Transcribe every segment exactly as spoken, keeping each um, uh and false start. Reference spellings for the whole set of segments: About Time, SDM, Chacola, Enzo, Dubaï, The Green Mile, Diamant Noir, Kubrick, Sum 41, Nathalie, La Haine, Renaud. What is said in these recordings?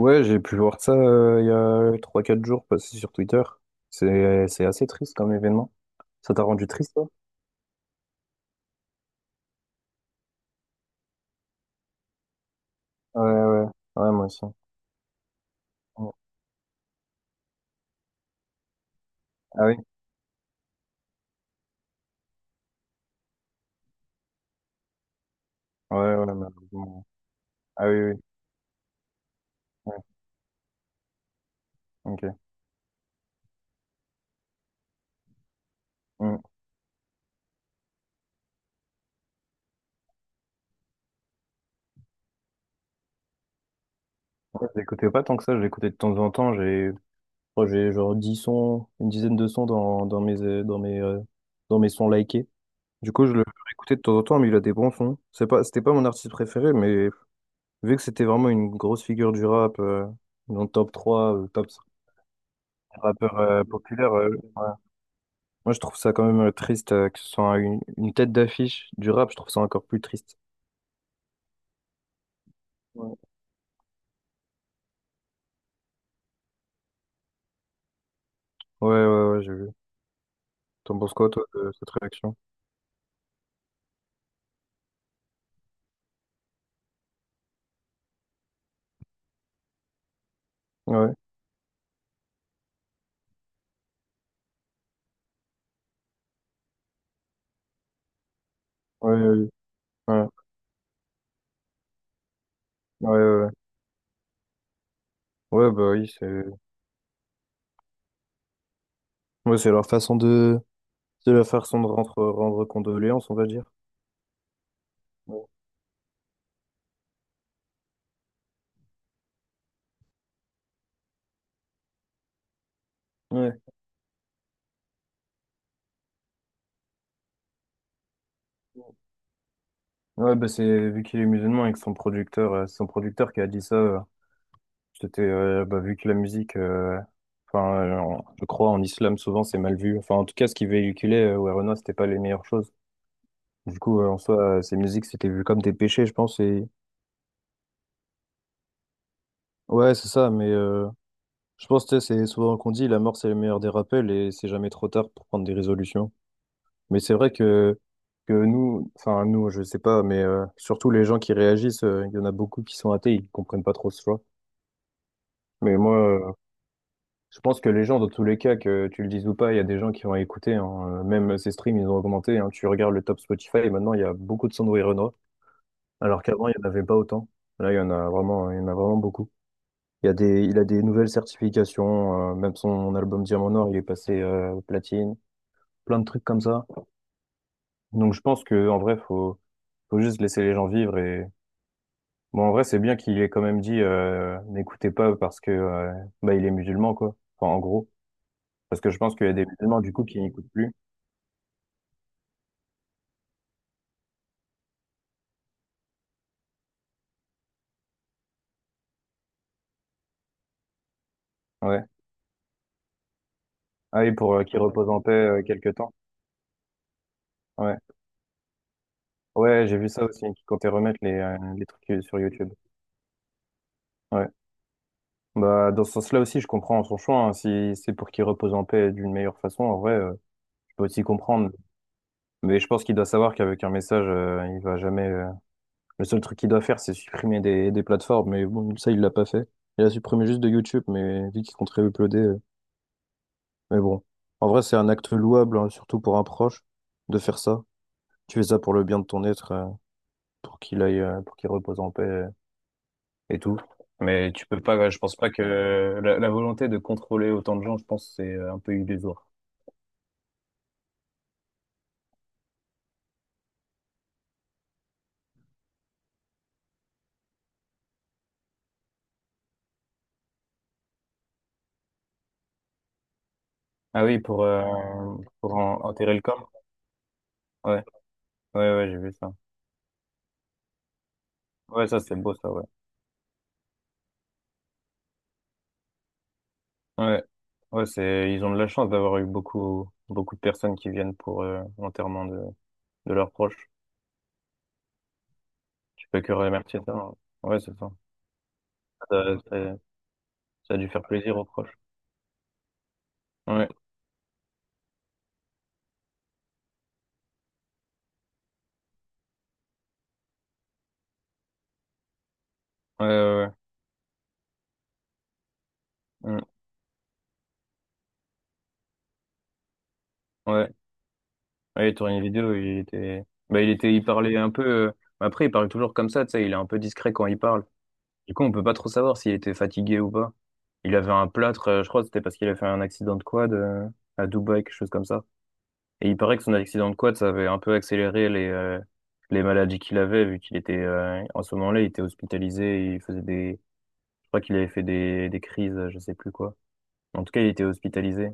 Ouais, j'ai pu voir ça euh, il y a trois, quatre jours passé sur Twitter. C'est c'est assez triste comme événement. Ça t'a rendu triste, toi? Ouais, ouais, ouais, moi aussi. Ouais. Ah oui? Ouais, ouais, malheureusement. Ah oui, oui, ouais, ok. Mm. Ouais, je l'écoutais pas tant que ça, je l'écoutais de temps en temps. J'ai moi, j'ai genre dix sons, une dizaine de sons dans, dans mes, euh, dans mes, euh, dans mes sons likés. Du coup, je le écoutais de temps en temps, mais il a des bons sons. C'est pas, c'était pas mon artiste préféré, mais vu que c'était vraiment une grosse figure du rap, euh, dans le top trois, euh, top rappeur euh, populaire. Euh, ouais. Moi, je trouve ça quand même euh, triste euh, que ce soit une, une tête d'affiche du rap. Je trouve ça encore plus triste. Ouais, ouais, ouais, ouais, j'ai vu. T'en penses quoi, toi, de cette réaction? Ouais, ouais, ouais, ouais, ouais, ouais. Ouais, bah oui, c'est ouais, c'est leur façon de... C'est leur façon de rendre, rendre condoléances, on va dire. Ouais, ouais, ouais, bah c'est vu qu'il est musulman et que son producteur, euh, c'est son producteur qui a dit ça. euh, C'était euh, bah, vu que la musique, euh, enfin, euh, en- je crois en islam souvent c'est mal vu. Enfin, en tout cas, ce qui véhiculait euh, Werona, c'était pas les meilleures choses. Du coup, euh, en soi, euh, ces musiques c'était vu comme des péchés, je pense. Et ouais, c'est ça. Mais euh, je pense que c'est souvent qu'on dit la mort c'est le meilleur des rappels et c'est jamais trop tard pour prendre des résolutions. Mais c'est vrai que que nous, enfin nous, je sais pas, mais euh, surtout les gens qui réagissent, euh, il y en a beaucoup qui sont athées, ils comprennent pas trop ce choix. Mais moi, euh, je pense que les gens, dans tous les cas, que tu le dises ou pas, il y a des gens qui vont écouter, hein. Euh, Même ces streams, ils ont augmenté, hein. Tu regardes le top Spotify et maintenant, il y a beaucoup de Sandro et Renaud, alors qu'avant, il n'y en avait pas autant. Là, il y en a vraiment, il y en a vraiment beaucoup. Il y a des, il a des nouvelles certifications. Euh, même son album Diamant Noir, il est passé euh, platine. Plein de trucs comme ça. Donc, je pense que en vrai, faut, faut juste laisser les gens vivre. Et bon, en vrai, c'est bien qu'il ait quand même dit euh, n'écoutez pas parce que euh, bah, il est musulman, quoi. Enfin, en gros, parce que je pense qu'il y a des musulmans du coup qui n'écoutent plus. Ouais. Ah oui, pour euh, qu'ils reposent en paix euh, quelques temps. Ouais, ouais, j'ai vu ça aussi, qu'ils comptaient remettre les, euh, les trucs euh, sur YouTube. Ouais. Bah, dans ce sens-là aussi, je comprends son choix, hein. Si c'est pour qu'il repose en paix d'une meilleure façon, en vrai, euh, je peux aussi comprendre. Mais je pense qu'il doit savoir qu'avec un message, euh, il va jamais. euh, Le seul truc qu'il doit faire, c'est supprimer des, des plateformes. Mais bon, ça, il l'a pas fait. Il a supprimé juste de YouTube, mais vu qu'il compte uploader. euh, Mais bon, en vrai, c'est un acte louable, hein, surtout pour un proche, de faire ça. Tu fais ça pour le bien de ton être, euh, pour qu'il aille, euh, pour qu'il repose en paix euh, et tout. Mais tu peux pas, je pense pas que la, la volonté de contrôler autant de gens, je pense, c'est euh, un peu illusoire. Ah oui, pour, euh, pour en- enterrer le corps. Ouais, ouais, ouais, j'ai vu ça. Ouais, ça, c'est beau, ça, ouais. Ouais, ouais, c'est, ils ont de la chance d'avoir eu beaucoup, beaucoup de personnes qui viennent pour euh, l'enterrement de, de leurs proches. Tu peux que remercier ça, hein. Ouais, c'est ça. Ça, ça. Ça a dû faire plaisir aux proches. Ouais, ouais, ouais, ouais. Mm. Ouais. Ouais, il a tourné une vidéo, il était, bah, il était, il parlait un peu. euh, Après, il parle toujours comme ça, tu sais, il est un peu discret quand il parle. Du coup, on peut pas trop savoir s'il était fatigué ou pas. Il avait un plâtre, euh, je crois, que c'était parce qu'il a fait un accident de quad euh, à Dubaï, quelque chose comme ça. Et il paraît que son accident de quad, ça avait un peu accéléré les euh, les maladies qu'il avait, vu qu'il était euh, en ce moment-là, il était hospitalisé, il faisait des, je crois qu'il avait fait des des crises, euh, je sais plus quoi. En tout cas, il était hospitalisé.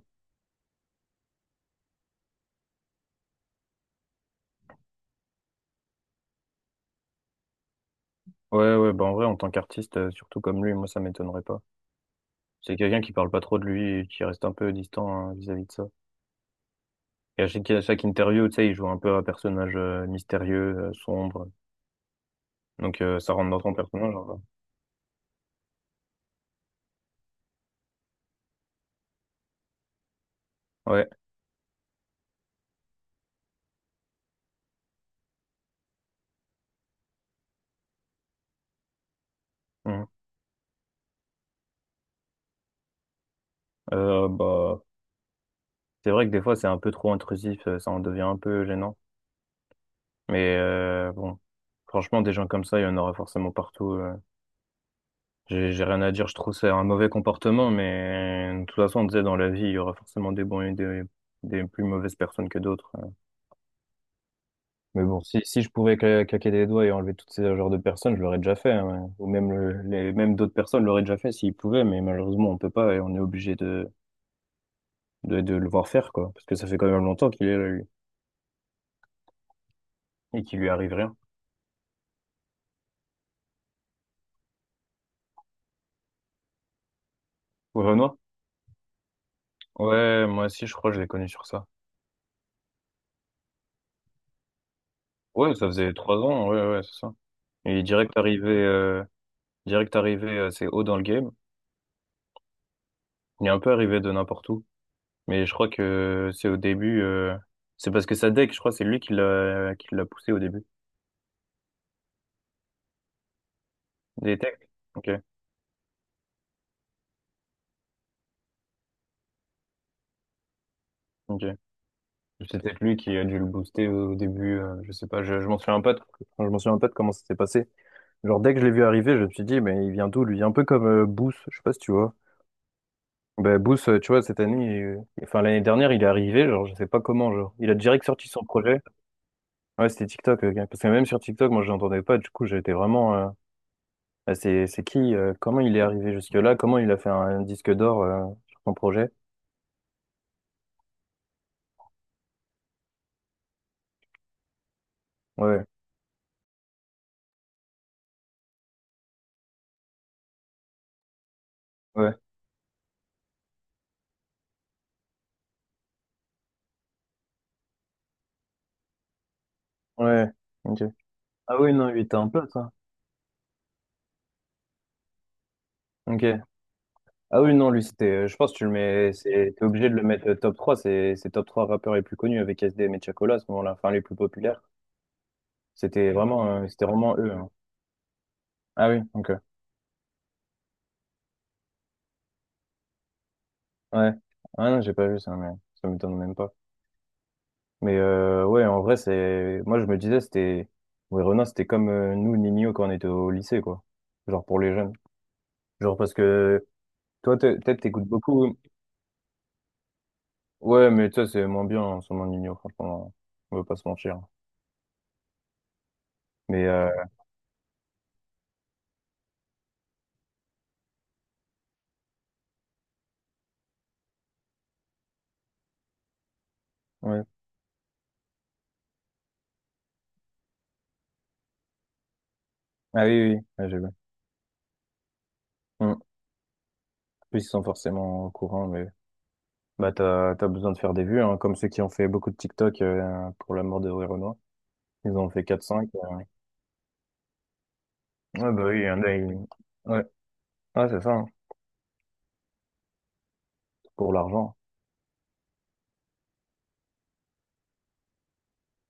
Ouais, ouais, bah en vrai, en tant qu'artiste, euh, surtout comme lui, moi, ça m'étonnerait pas. C'est quelqu'un qui parle pas trop de lui, et qui reste un peu distant hein, vis-à-vis de ça. Et à chaque, à chaque interview, tu sais, il joue un peu un personnage euh, mystérieux, euh, sombre. Donc euh, ça rentre dans ton personnage. En ouais. Mhm. Euh, bah, c'est vrai que des fois, c'est un peu trop intrusif, euh, ça en devient un peu gênant. Mais euh, bon, franchement, des gens comme ça, il y en aura forcément partout. euh. J'ai j'ai rien à dire, je trouve que c'est un mauvais comportement, mais de toute façon, on disait dans la vie, il y aura forcément des bons et des, des plus mauvaises personnes que d'autres, hein. Mais bon, si, si je pouvais cla- claquer des doigts et enlever toutes ces genres de personnes, je l'aurais déjà fait, hein, ouais. Ou même, le- les, même d'autres personnes l'auraient déjà fait s'ils pouvaient, mais malheureusement, on peut pas et on est obligé de, de, de le voir faire, quoi. Parce que ça fait quand même longtemps qu'il est là, lui, et qu'il lui arrive rien. Au Renoir? Ouais, moi aussi, je crois que je l'ai connu sur ça. Ouais, ça faisait trois ans, ouais, ouais, c'est ça. Il est direct arrivé, euh, direct arrivé assez haut dans le game. Il est un peu arrivé de n'importe où. Mais je crois que c'est au début, euh, c'est parce que sa deck, je crois, c'est lui qui l'a, qui l'a poussé au début. Des techs? Ok, ok. C'est peut-être lui qui a dû le booster au, au début, euh, je sais pas, je, je m'en souviens pas de, enfin, je m'en souviens pas de comment ça s'est passé. Genre, dès que je l'ai vu arriver, je me suis dit, mais il vient d'où, lui? Un peu comme euh, Booth, je sais pas si tu vois. Ben, Booth, euh, tu vois, cette année, euh, enfin, l'année dernière, il est arrivé, genre, je sais pas comment, genre. Il a direct sorti son projet. Ouais, c'était TikTok, euh, parce que même sur TikTok, moi, je l'entendais pas, du coup, j'étais vraiment, euh, ah, c'est, c'est qui, euh, comment il est arrivé jusque-là, comment il a fait un, un disque d'or, euh, sur son projet. Ouais, ouais, ouais, ok. Ah oui, non, il était un pote, hein. Ok. Ah oui, non, lui, c'était. euh, Je pense que tu le mets. c'est- T'es obligé de le mettre euh, top trois. C'est c'est top trois rappeurs les plus connus avec S D M et Chacola à ce moment-là. Enfin, les plus populaires. C'était vraiment, euh, c'était vraiment eux, hein. Ah oui, ok. Ouais. Ah non, j'ai pas vu ça, mais ça m'étonne même pas. Mais euh, ouais, en vrai, c'est. Moi, je me disais, c'était. Ouais, Renan, c'était comme euh, nous, Nino, quand on était au lycée, quoi. Genre pour les jeunes. Genre parce que toi, t'es- peut-être t'écoutes beaucoup. Ouais, mais toi, c'est moins bien en ce moment, Nino, franchement. On va pas se mentir. Mais euh, ouais. Ah oui, oui, oui. Ouais, j'ai vu. Mm. En plus ils sont forcément au courant, mais bah t'as t'as besoin de faire des vues, hein, comme ceux qui ont fait beaucoup de TikTok euh, pour la mort de Renoir. Ils en ont fait quatre cinq. Ouais, bah oui, il y en a, ils- ouais, ouais, c'est ça, hein, pour l'argent.